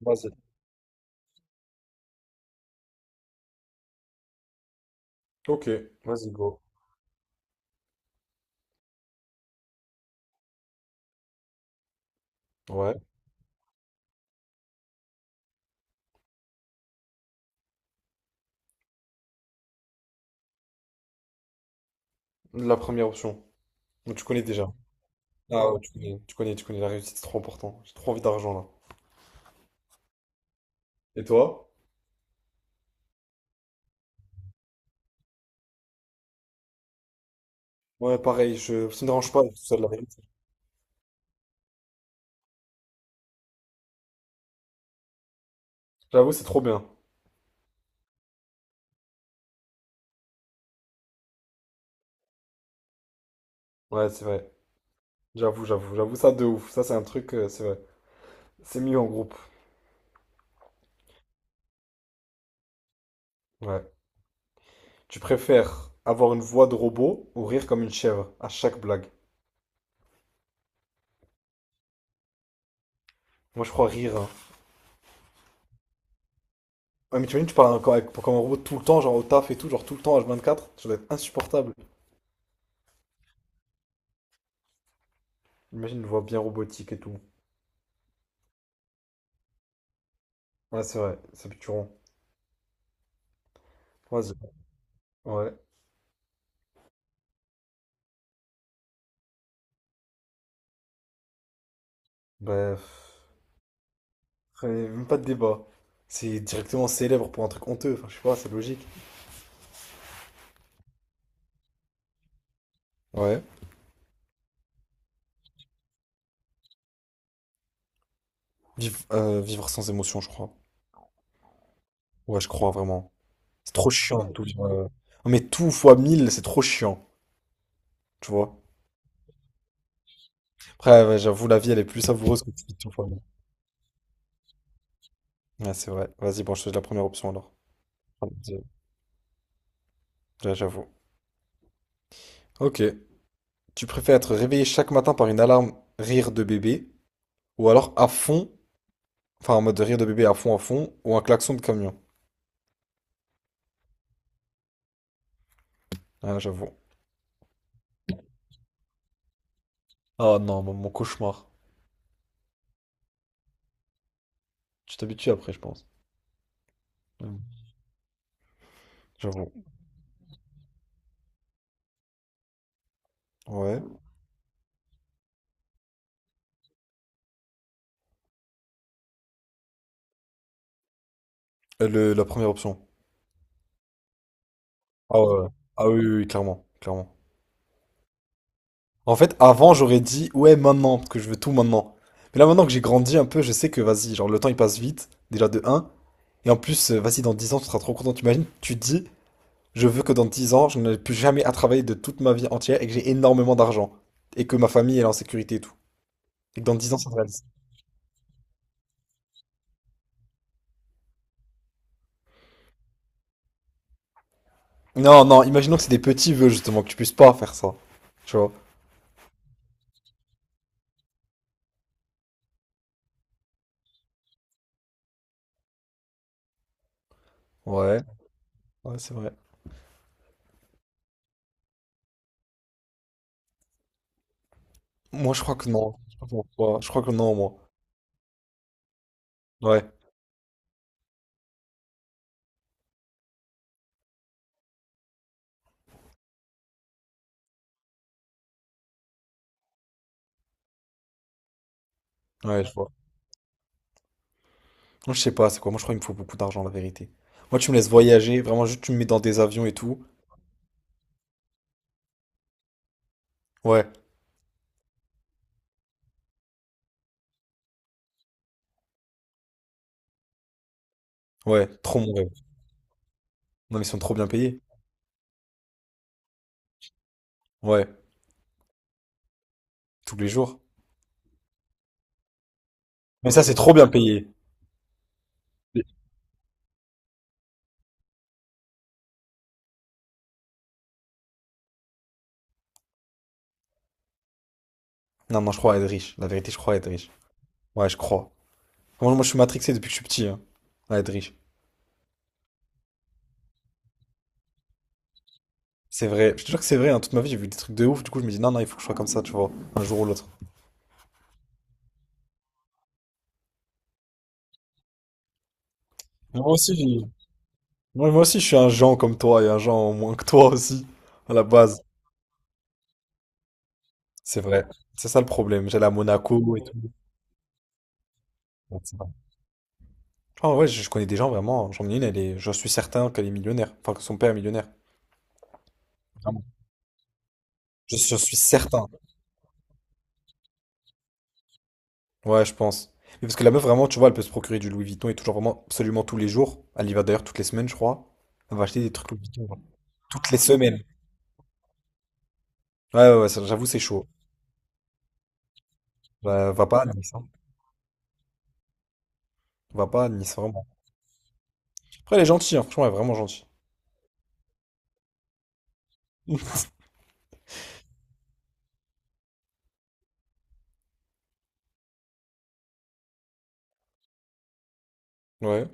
Vas-y. Ok, vas-y, go. Ouais, la première option. Donc, tu connais déjà. Ah ouais, tu connais, tu connais, tu connais, la réussite, c'est trop important. J'ai trop envie d'argent là. Et toi? Ouais, pareil, ça me dérange pas, tout seul, la réussite. J'avoue, c'est trop bien. Ouais, c'est vrai. J'avoue, j'avoue, j'avoue, ça de ouf. Ça, c'est un truc, c'est vrai. C'est mieux en groupe. Ouais. Tu préfères avoir une voix de robot ou rire comme une chèvre à chaque blague? Moi, je crois rire, hein. Ouais, mais tu imagines, tu parles encore comme un robot tout le temps, genre au taf et tout, genre tout le temps, H24, ça doit être insupportable. Imagine une voix bien robotique et tout. Ouais, c'est vrai, c'est Picturon. Ouais, ouais. Bref. Même pas de débat. C'est directement célèbre pour un truc honteux, enfin, je sais pas, c'est logique. Ouais. Vivre sans émotion, je crois. Ouais, je crois vraiment. C'est trop chiant. Ouais, tout vivre. Non, mais tout fois 1000 c'est trop chiant, tu vois. Après, ouais, j'avoue, la vie, elle est plus savoureuse que tu vis tout fois 1000. Ouais, c'est vrai. Vas-y, bon, je choisis la première option alors. Là, j'avoue. Ok. Tu préfères être réveillé chaque matin par une alarme rire de bébé ou alors à fond. Enfin, en mode de rire de bébé à fond, ou un klaxon de camion. Ah, j'avoue. Ah non, mon cauchemar. Tu t'habitues après, je pense. Mm. J'avoue. Ouais. La première option. Ah ouais. Ouais. Ah oui, oui, oui, clairement. Clairement. En fait, avant, j'aurais dit, ouais, maintenant, parce que je veux tout maintenant. Mais là, maintenant que j'ai grandi un peu, je sais que, vas-y, genre, le temps, il passe vite, déjà de un. Et en plus, vas-y, dans 10 ans, tu seras trop content. T'imagines, tu te dis, je veux que dans 10 ans, je n'ai plus jamais à travailler de toute ma vie entière et que j'ai énormément d'argent. Et que ma famille elle est en sécurité et tout. Et que dans 10 ans, ça se réalise. Non, non, imaginons que c'est des petits vœux, justement, que tu puisses pas faire ça. Tu vois? Ouais, ouais, c'est vrai. Moi, je crois que non. Je crois ouais, je crois que non, moi. Ouais, ouais, je vois. Moi, je sais pas, c'est quoi? Moi, je crois qu'il me faut beaucoup d'argent, la vérité. Moi, tu me laisses voyager, vraiment, juste tu me mets dans des avions et tout. Ouais, ouais, trop mon rêve. Non, mais ils sont trop bien payés. Ouais, tous les jours. Mais ça, c'est trop bien payé. Non, non, je crois à être riche. La vérité, je crois à être riche. Ouais, je crois. Moi, je suis matrixé depuis que je suis petit, hein, à être riche. C'est vrai, je te jure que c'est vrai, hein, toute ma vie j'ai vu des trucs de ouf, du coup je me dis non, non, il faut que je sois comme ça, tu vois, un jour ou l'autre. Moi aussi. Moi aussi je suis un Jean comme toi et un Jean au moins que toi aussi, à la base. C'est vrai, c'est ça le problème, j'allais à Monaco et tout. Donc, c'est vrai. Ah ouais, je connais des gens vraiment, j'en ai une, elle est, je suis certain qu'elle est millionnaire, enfin que son père est millionnaire. Vraiment. Je suis certain, ouais, je pense. Mais parce que la meuf vraiment, tu vois, elle peut se procurer du Louis Vuitton et tout, genre vraiment absolument tous les jours. Elle y va d'ailleurs toutes les semaines, je crois. Elle va acheter des trucs Louis Vuitton, genre, toutes les semaines. Ouais, ouais, ouais, ça, j'avoue, c'est chaud. Bah, va pas à Nice, hein. Va pas à Nice, vraiment. Après, elle est gentille, hein, franchement, elle est vraiment gentille. Ouais.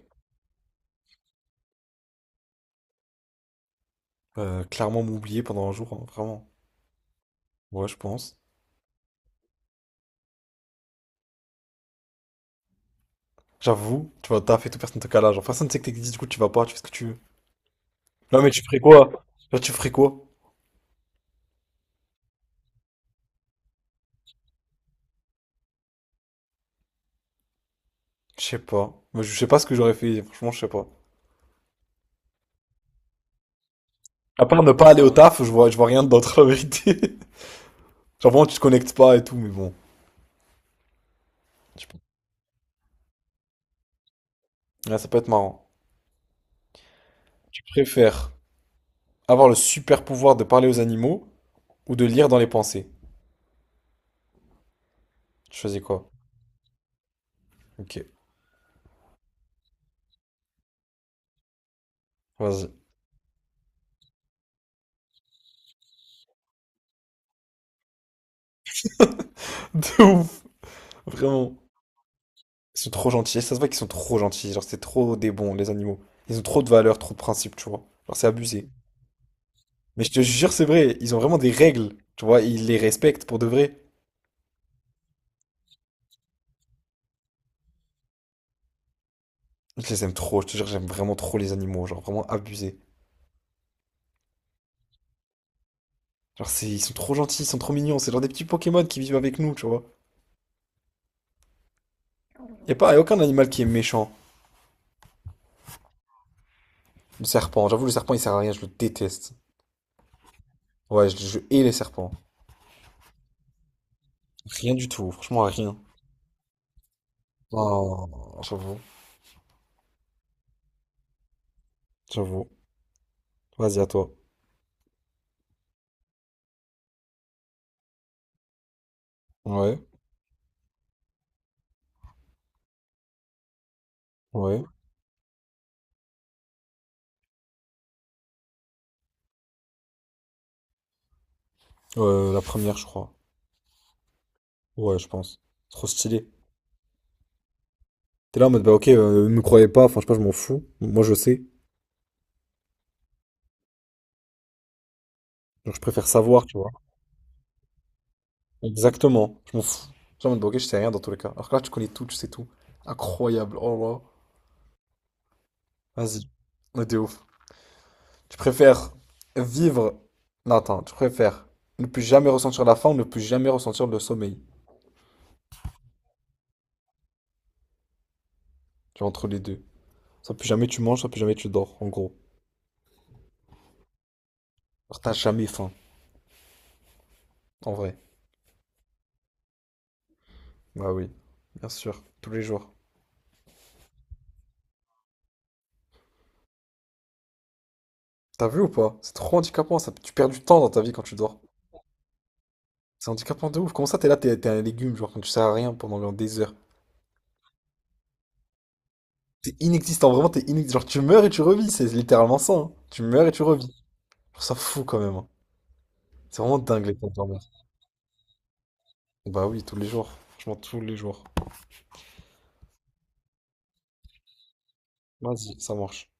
Clairement m'oublier pendant un jour, hein, vraiment. Ouais, je pense. J'avoue, tu vois, t'as fait tout, personne te cala. Genre, personne ne sait que t'existes, du coup, tu vas pas, tu fais ce que tu veux. Non, mais tu ferais quoi? Genre, tu ferais quoi? Je sais pas. Moi, je sais pas ce que j'aurais fait, franchement, je sais pas. À part ne pas aller au taf, je vois rien d'autre, la vérité. Genre, vraiment, tu te connectes pas et tout, mais bon. Je sais pas. Ouais, ça peut être marrant. Tu préfères avoir le super pouvoir de parler aux animaux ou de lire dans les pensées? Tu choisis quoi? Ok, vas-y. De ouf, vraiment. Ils sont trop gentils. Et ça se voit qu'ils sont trop gentils. Genre, c'est trop des bons, les animaux. Ils ont trop de valeurs, trop de principes, tu vois. Genre, c'est abusé. Mais je te jure, c'est vrai. Ils ont vraiment des règles. Tu vois, ils les respectent pour de vrai. Je les aime trop. Je te jure, j'aime vraiment trop les animaux. Genre, vraiment abusé. Genre, c'est, ils sont trop gentils, ils sont trop mignons. C'est genre des petits Pokémon qui vivent avec nous, tu vois. Y a aucun animal qui est méchant. Le serpent, j'avoue, le serpent, il sert à rien. Je le déteste. Ouais, je hais les serpents. Rien du tout. Franchement, rien. Oh, j'avoue. J'avoue. Vas-y, à toi. Ouais. Ouais, la première, je crois. Ouais, je pense. Trop stylé. T'es là en mode, bah ok, ne me croyez pas, enfin, je sais pas, je m'en fous. Moi, je sais. Genre, je préfère savoir, tu vois. Exactement, je m'en fous. Je suis en mode, bah ok, je sais rien dans tous les cas. Alors que là, tu connais tout, tu sais tout. Incroyable, oh là. Vas-y, on est ouf. Tu préfères vivre. Non, attends, tu préfères ne plus jamais ressentir la faim ou ne plus jamais ressentir le sommeil. Tu vois, entre les deux. Soit plus jamais tu manges, soit plus jamais tu dors, en gros. Alors, t'as jamais faim, en vrai. Bah oui, bien sûr, tous les jours. T'as vu ou pas? C'est trop handicapant, ça. Tu perds du temps dans ta vie quand tu dors. C'est handicapant de ouf. Comment ça, t'es là, t'es un légume, genre, quand tu sers à rien pendant des heures. T'es inexistant, vraiment, t'es inexistant. Genre, tu meurs et tu revis, c'est littéralement ça, hein. Tu meurs et tu revis. Je trouve ça fou quand même, hein. C'est vraiment dingue les temps de dormir. Bah oui, tous les jours. Franchement, tous les jours. Vas-y, ça marche.